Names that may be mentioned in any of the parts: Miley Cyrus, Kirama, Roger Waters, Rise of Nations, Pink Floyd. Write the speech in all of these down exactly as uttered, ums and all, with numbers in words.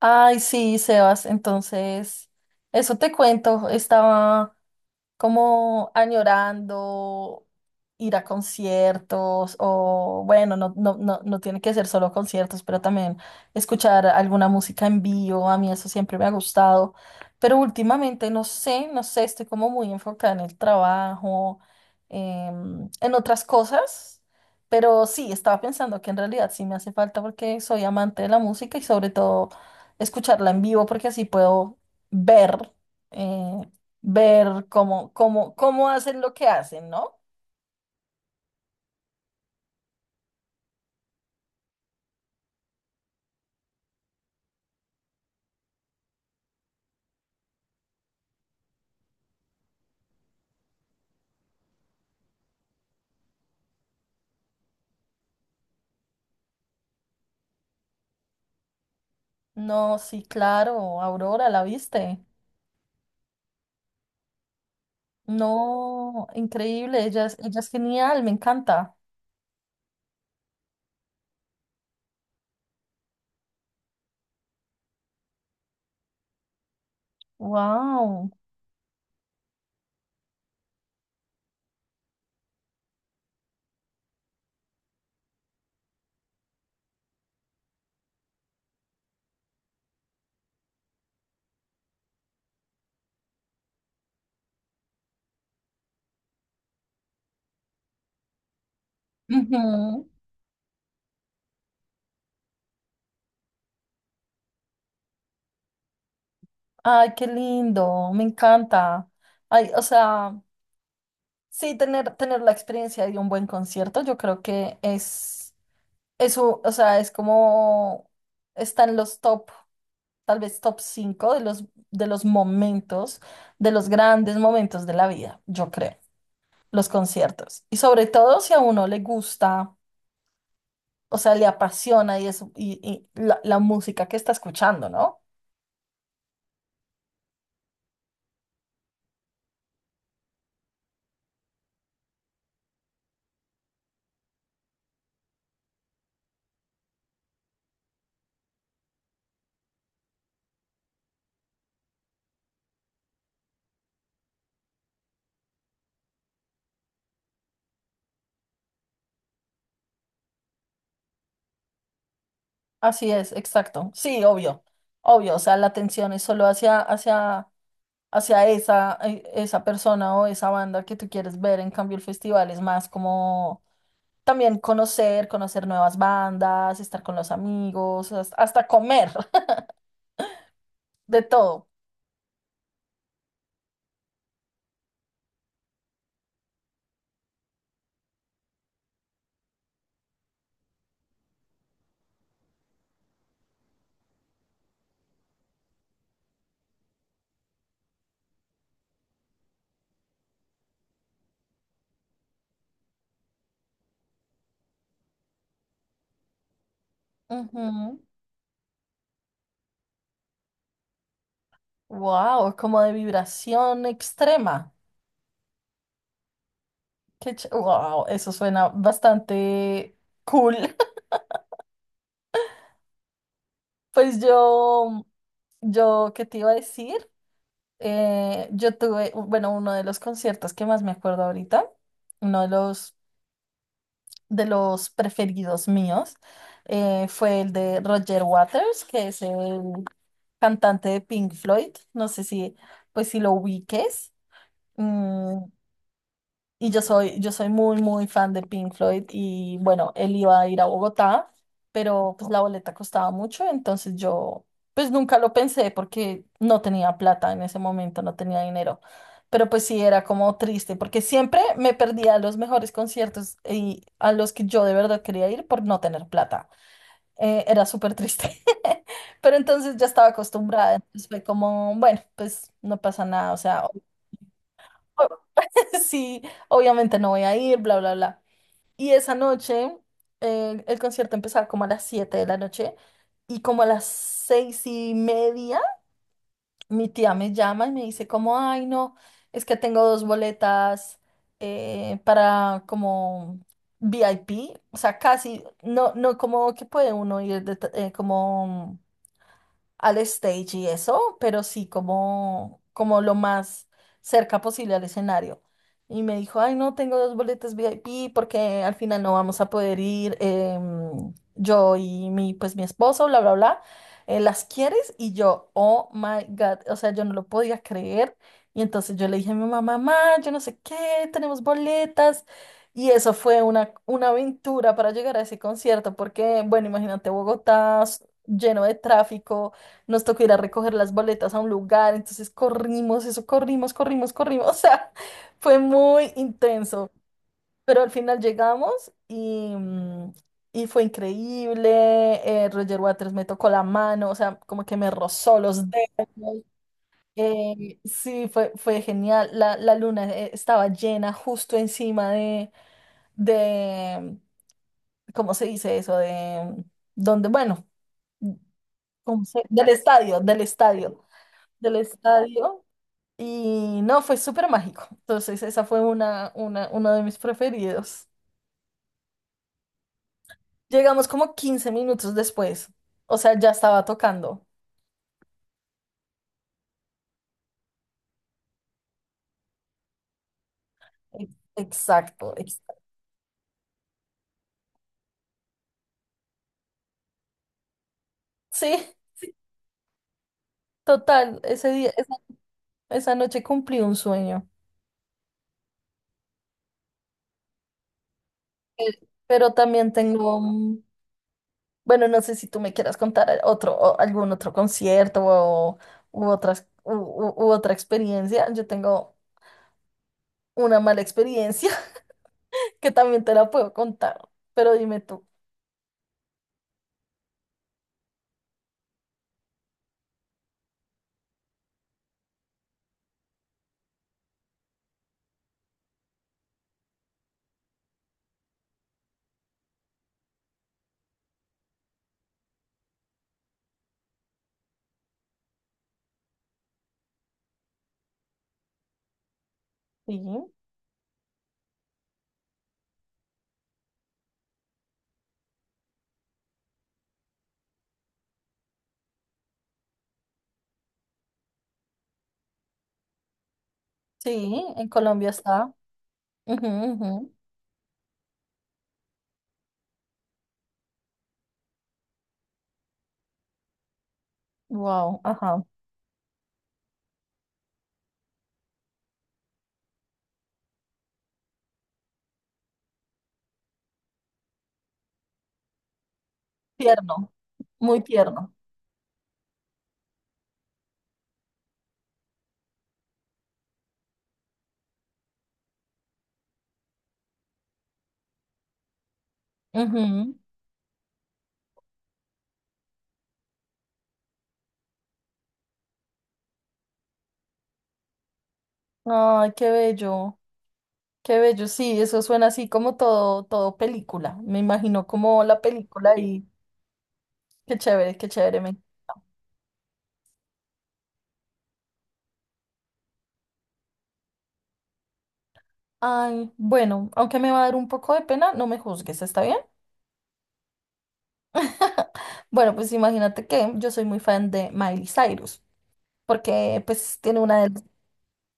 Ay, sí, Sebas, entonces, eso te cuento, estaba como añorando ir a conciertos o bueno, no, no, no, no tiene que ser solo conciertos, pero también escuchar alguna música en vivo, a mí eso siempre me ha gustado, pero últimamente no sé, no sé, estoy como muy enfocada en el trabajo, em, en otras cosas. Pero sí, estaba pensando que en realidad sí me hace falta porque soy amante de la música y sobre todo escucharla en vivo porque así puedo ver eh, ver cómo, cómo, cómo hacen lo que hacen, ¿no? No, sí, claro, Aurora, ¿la viste? No, increíble, ella es, ella es genial, me encanta. Wow. Ay, qué lindo, me encanta. Ay, o sea, sí, tener, tener la experiencia de un buen concierto, yo creo que es eso, o sea, es como están los top. Tal vez top cinco de los, de los momentos, de los grandes momentos de la vida, yo creo, los conciertos. Y sobre todo si a uno le gusta, o sea, le apasiona y, eso, y, y la, la música que está escuchando, ¿no? Así es, exacto. Sí, obvio, obvio, o sea, la atención es solo hacia, hacia, hacia esa, eh, esa persona o esa banda que tú quieres ver, en cambio el festival es más como... También conocer, conocer nuevas bandas, estar con los amigos, hasta hasta comer. De todo. Wow, como de vibración extrema. Qué wow, eso suena bastante cool. Pues yo, yo, ¿qué te iba a decir? Eh, yo tuve, u- bueno, uno de los conciertos que más me acuerdo ahorita, uno de los, de los preferidos míos, eh, fue el de Roger Waters, que es el cantante de Pink Floyd. No sé si, pues si lo ubiques. Mm, y yo soy, yo soy muy, muy fan de Pink Floyd y bueno, él iba a ir a Bogotá, pero pues la boleta costaba mucho, entonces yo pues nunca lo pensé porque no tenía plata en ese momento, no tenía dinero. Pero pues sí, era como triste porque siempre me perdía los mejores conciertos y a los que yo de verdad quería ir por no tener plata. Eh, era súper triste. Pero entonces ya estaba acostumbrada, entonces fue como, bueno, pues no pasa nada, o sea, sí, obviamente no voy a ir, bla, bla, bla. Y esa noche, eh, el concierto empezaba como a las siete de la noche y como a las seis y media, mi tía me llama y me dice como, ay, no, es que tengo dos boletas eh, para como V I P, o sea, casi, no, no como que puede uno ir de t- eh, como al stage y eso, pero sí como, como lo más cerca posible al escenario. Y me dijo, ay, no, tengo dos boletas V I P porque al final no vamos a poder ir em, yo y mi, pues mi esposo, bla, bla, bla. eh, ¿las quieres? Y yo, oh my God, o sea, yo no lo podía creer. Y entonces yo le dije a mi mamá, mamá, yo no sé qué, tenemos boletas. Y eso fue una, una aventura para llegar a ese concierto, porque, bueno, imagínate Bogotá s- lleno de tráfico, nos tocó ir a recoger las boletas a un lugar, entonces corrimos, eso, corrimos, corrimos, corrimos. O sea, fue muy intenso, pero al final llegamos y, mm, y fue increíble. eh, Roger Waters me tocó la mano, o sea, como que me rozó los dedos. eh, sí, fue, fue genial. La, la luna eh, estaba llena justo encima de, de, ¿cómo se dice eso? De, mm, donde, bueno, ¿cómo se- del estadio, del estadio del estadio. Y no, fue súper mágico. Entonces, esa fue una, una, uno de mis preferidos. Llegamos como quince minutos después. O sea, ya estaba tocando. E- Exacto, exacto. Sí, sí, total. Ese día, esa, esa noche cumplí un sueño. Eh, Pero también tengo, mm, bueno, no sé si tú me quieras contar eh, otro, o algún otro concierto o, u otras, u, u- u otra experiencia. Yo tengo una mala experiencia que también te la puedo contar. Pero dime tú. Sí. Sí, en Colombia está. Wow, ajá. Tierno, muy tierno. Ujú. Ay, qué bello, qué bello. Sí, eso suena así como todo, todo película. Me imagino como la película y qué chévere, qué chévere. Me- ay, bueno, aunque me va a dar un poco de pena, no me juzgues, ¿está bien? Bueno, pues imagínate que yo soy muy fan de Miley Cyrus, porque pues tiene una de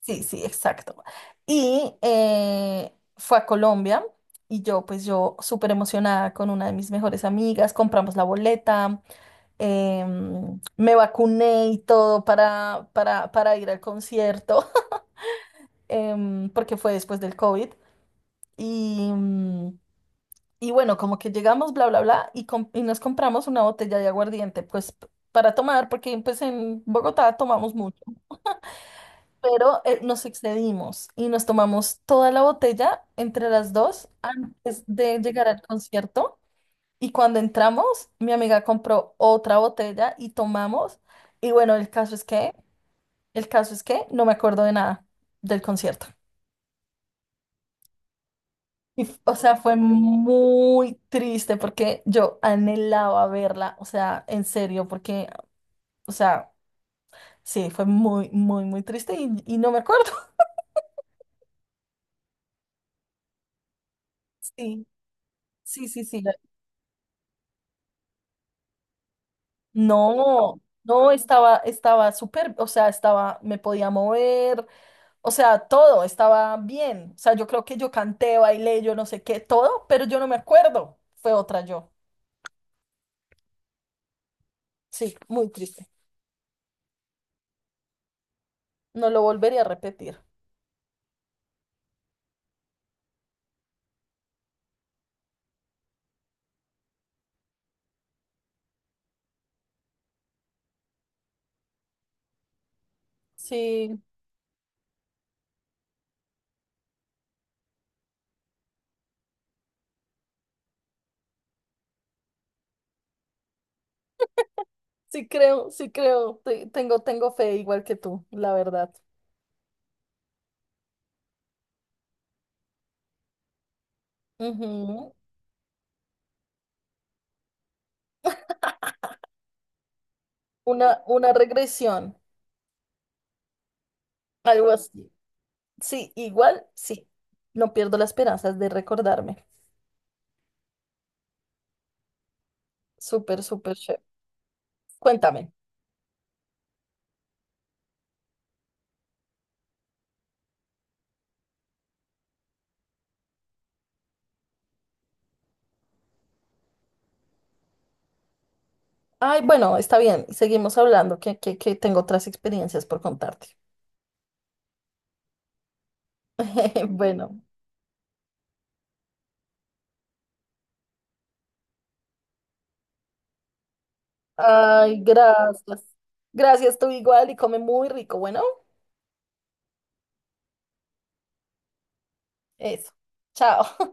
sí, sí, exacto. Y eh, fue a Colombia y yo, pues yo súper emocionada con una de mis mejores amigas, compramos la boleta, em, me vacuné y todo para, para, para ir al concierto, em, porque fue después del COVID. Y, mm, y bueno, como que llegamos, bla, bla, bla, y, com- y nos compramos una botella de aguardiente, pues p- para tomar, porque pues en Bogotá tomamos mucho. Pero eh, nos excedimos y nos tomamos toda la botella entre las dos antes de llegar al concierto. Y cuando entramos, mi amiga compró otra botella y tomamos. Y bueno, el caso es que, el caso es que no me acuerdo de nada del concierto. Y, f- o sea, fue muy triste porque yo anhelaba verla, o sea, en serio, porque, o sea, sí, fue muy, muy, muy triste y, y no me acuerdo. Sí, sí, sí, sí. No, no estaba, estaba súper, o sea, estaba, me podía mover, o sea, todo estaba bien. O sea, yo creo que yo canté, bailé, yo no sé qué, todo, pero yo no me acuerdo. Fue otra yo. Sí, muy triste. No lo volvería a repetir. Sí, sí creo, sí creo. Te- Tengo, tengo fe igual que tú, la verdad. Ujú. Una, una regresión, algo así. Sí, igual, sí. No pierdo las esperanzas de recordarme. Súper, súper chévere. Cuéntame. Ay, bueno, está bien, seguimos hablando, que, que, que tengo otras experiencias por contarte. Bueno, ay, gracias. Gracias, tú igual y come muy rico. Bueno, eso. Chao.